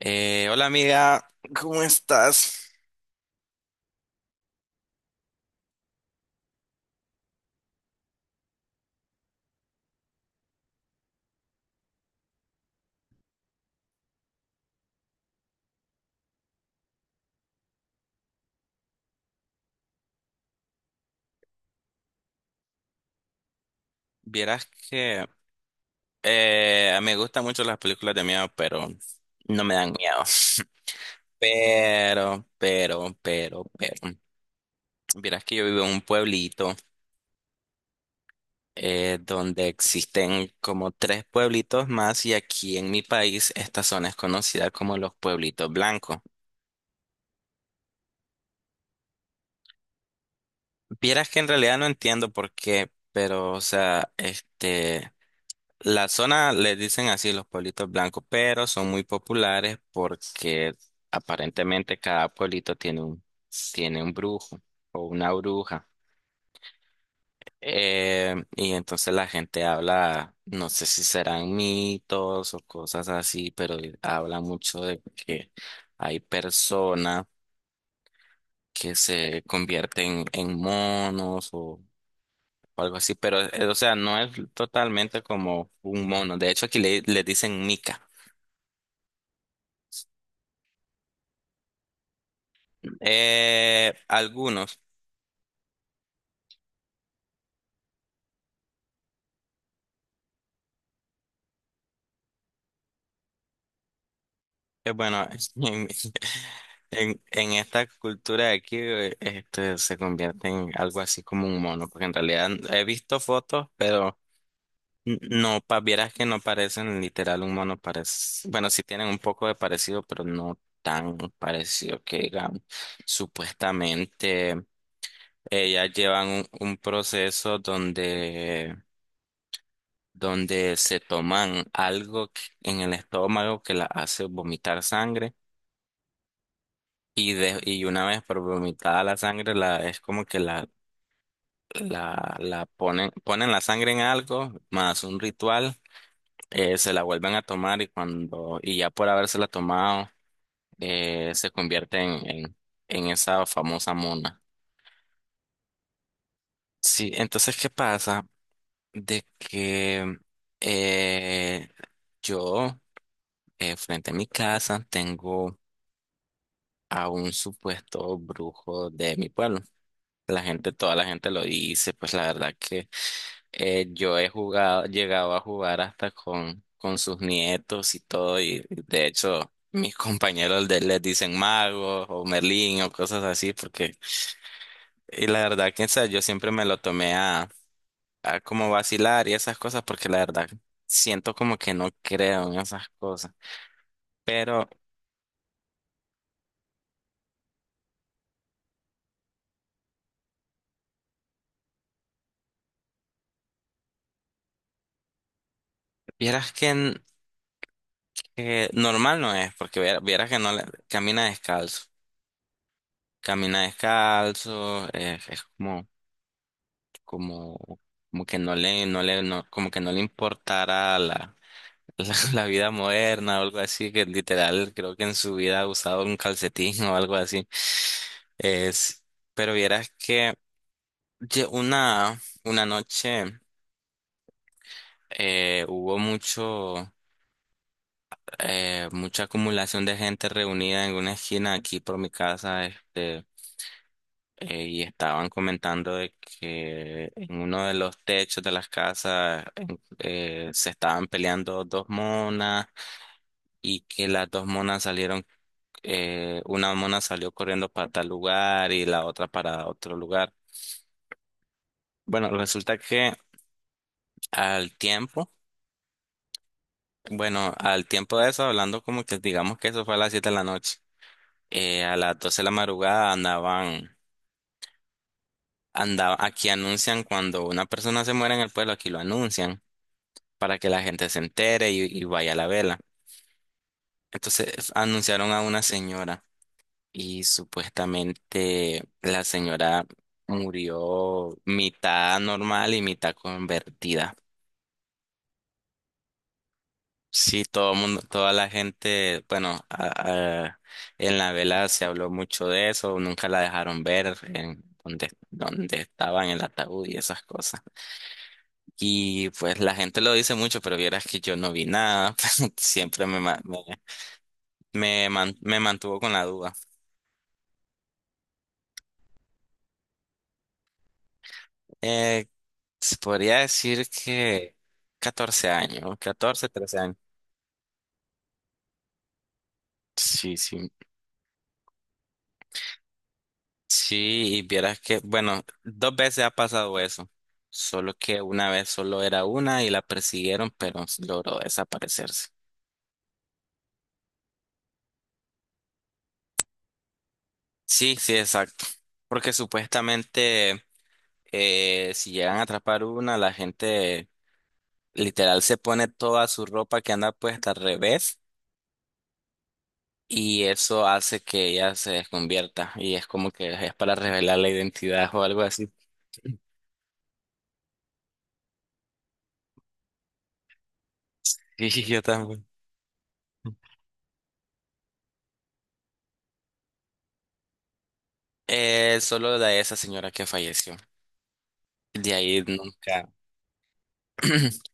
Hola amiga, ¿cómo estás? Vieras que me gustan mucho las películas de miedo, pero no me dan miedo. Pero. Vieras que yo vivo en un pueblito donde existen como tres pueblitos más, y aquí en mi país esta zona es conocida como los pueblitos blancos. Vieras que en realidad no entiendo por qué, pero o sea, la zona le dicen así, los pueblitos blancos, pero son muy populares porque aparentemente cada pueblito tiene tiene un brujo o una bruja. Y entonces la gente habla, no sé si serán mitos o cosas así, pero habla mucho de que hay personas que se convierten en monos o algo así, pero o sea, no es totalmente como un mono. De hecho, aquí le dicen mica. Algunos. Bueno, en, en esta cultura de aquí se convierte en algo así como un mono, porque en realidad he visto fotos, pero no, pa, vieras que no parecen literal un mono, parece, bueno, sí tienen un poco de parecido, pero no tan parecido que digamos. Supuestamente ellas llevan un proceso donde donde se toman algo en el estómago que la hace vomitar sangre y, de, y una vez por vomitada la sangre es como que la ponen, ponen la sangre en algo más, un ritual, se la vuelven a tomar, y cuando y ya por habérsela tomado se convierte en esa famosa mona. Sí, entonces, ¿qué pasa? De que eh, yo, frente a mi casa tengo a un supuesto brujo de mi pueblo. La gente, toda la gente lo dice, pues la verdad que yo he jugado, llegado a jugar hasta con sus nietos y todo, y de hecho mis compañeros de, les dicen magos o Merlín o cosas así, porque, y la verdad que o sea, yo siempre me lo tomé a como vacilar y esas cosas, porque la verdad siento como que no creo en esas cosas. Pero vieras que normal no es, porque vieras que no le- camina descalzo. Camina descalzo, es como, como, como que no no, como que no le importara la vida moderna o algo así, que literal creo que en su vida ha usado un calcetín o algo así. Es, pero vieras que una noche hubo mucho, mucha acumulación de gente reunida en una esquina aquí por mi casa, y estaban comentando de que en uno de los techos de las casas se estaban peleando dos monas, y que las dos monas salieron, una mona salió corriendo para tal lugar y la otra para otro lugar. Bueno, resulta que al tiempo, bueno, al tiempo de eso, hablando como que digamos que eso fue a las 7 de la noche, a las 12 de la madrugada andaban, aquí anuncian cuando una persona se muere en el pueblo, aquí lo anuncian, para que la gente se entere y vaya a la vela. Entonces anunciaron a una señora, y supuestamente la señora murió mitad normal y mitad convertida. Sí, todo mundo, toda la gente, bueno, en la vela se habló mucho de eso, nunca la dejaron ver en donde, donde estaba en el ataúd y esas cosas. Y pues la gente lo dice mucho, pero vieras que yo no vi nada, siempre me mantuvo con la duda. Eh, Se podría decir que 14 años, 14 13 años. Sí, sí. Sí, y vieras que, bueno, dos veces ha pasado eso. Solo que una vez solo era una y la persiguieron, pero logró desaparecerse. Sí, sí, exacto. Porque supuestamente si llegan a atrapar una, la gente literal se pone toda su ropa que anda puesta al revés, y eso hace que ella se desconvierta y es como que es para revelar la identidad o algo así. Sí, sí, yo también. Solo de esa señora que falleció. De ahí nunca,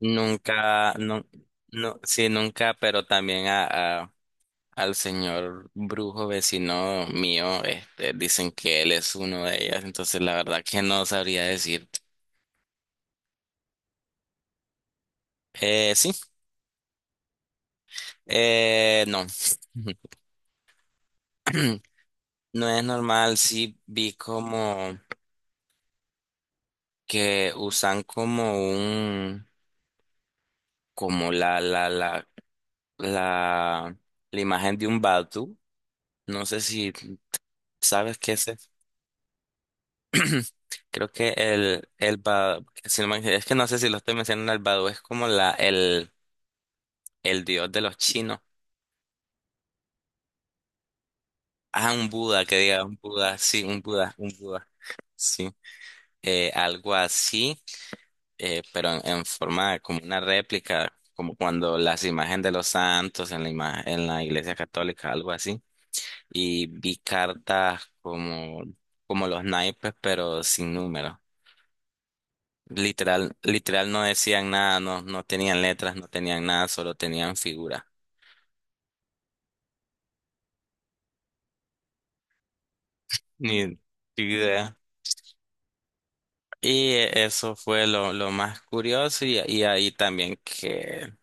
nunca, no, no, sí, nunca, pero también al señor brujo vecino mío, este, dicen que él es uno de ellas, entonces la verdad que no sabría decir. Sí, no. No es normal, sí vi como que usan como como la, la imagen de un Batu. No sé si sabes qué es eso. Creo que el Badu, si no es que no sé si lo estoy mencionando, el Badu es como el dios de los chinos. Ah, un Buda, que diga, un Buda, sí, un Buda, un Buda. Sí, algo así, pero en forma de como una réplica, como cuando las imágenes de los santos en en la iglesia católica, algo así. Y vi cartas como, como los naipes, pero sin número. Literal, literal no decían nada, no, no tenían letras, no tenían nada, solo tenían figuras. Ni idea. Y eso fue lo más curioso, y ahí también que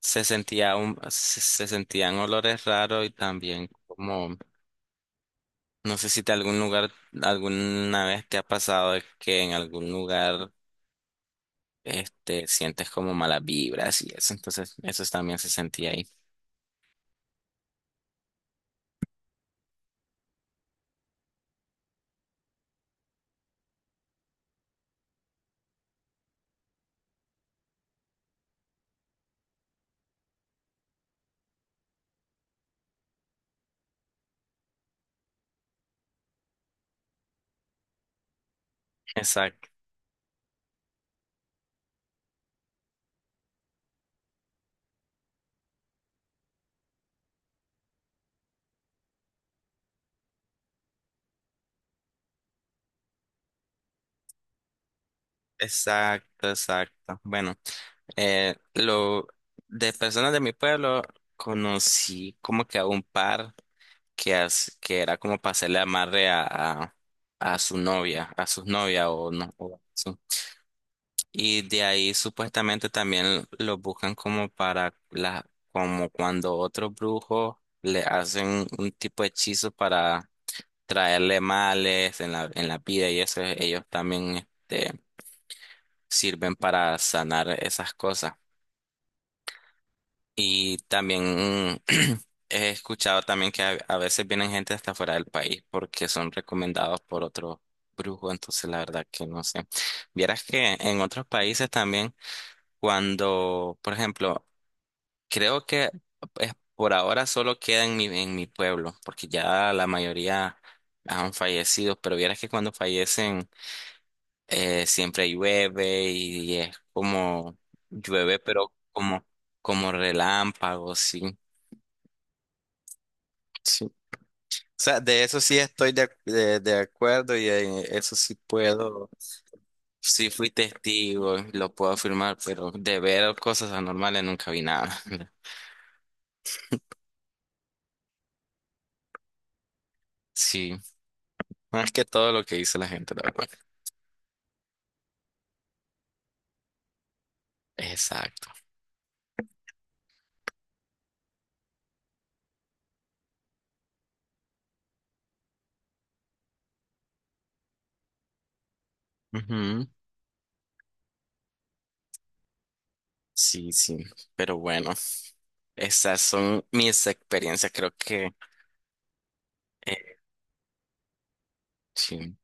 se sentía un, se sentían olores raros y también como, no sé si te algún lugar, alguna vez te ha pasado de que en algún lugar este, sientes como malas vibras y eso, entonces eso también se sentía ahí. Exacto, exacto, exacto. Bueno, lo de personas de mi pueblo conocí como que a un par que, que era como para hacerle amarre a, a su novia, a sus novias o no, y de ahí supuestamente también lo buscan como para la, como cuando otros brujos le hacen un tipo de hechizo para traerle males en en la pida y eso, ellos también este, sirven para sanar esas cosas. Y también he escuchado también que a veces vienen gente hasta fuera del país porque son recomendados por otro brujo, entonces la verdad que no sé. Vieras que en otros países también, cuando, por ejemplo, creo que pues, por ahora solo queda en mi pueblo, porque ya la mayoría han fallecido, pero vieras que cuando fallecen siempre llueve y es como llueve, pero como, como relámpagos, sí, sí. O sea, de eso sí estoy de acuerdo, y eso sí puedo, sí fui testigo, lo puedo afirmar, pero de ver cosas anormales nunca vi nada. Sí, más que todo lo que dice la gente, la verdad. Exacto. Ujú. Sí, sí, pero bueno, esas son mis experiencias, creo que eh, sí.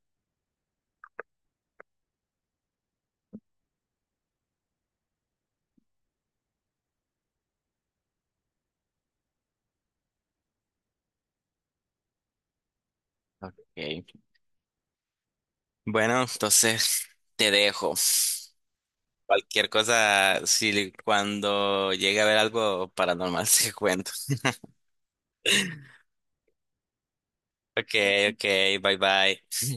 Ok. Bueno, entonces te dejo. Cualquier cosa, si cuando llegue a ver algo paranormal, se cuento. Ok, ok, bye bye.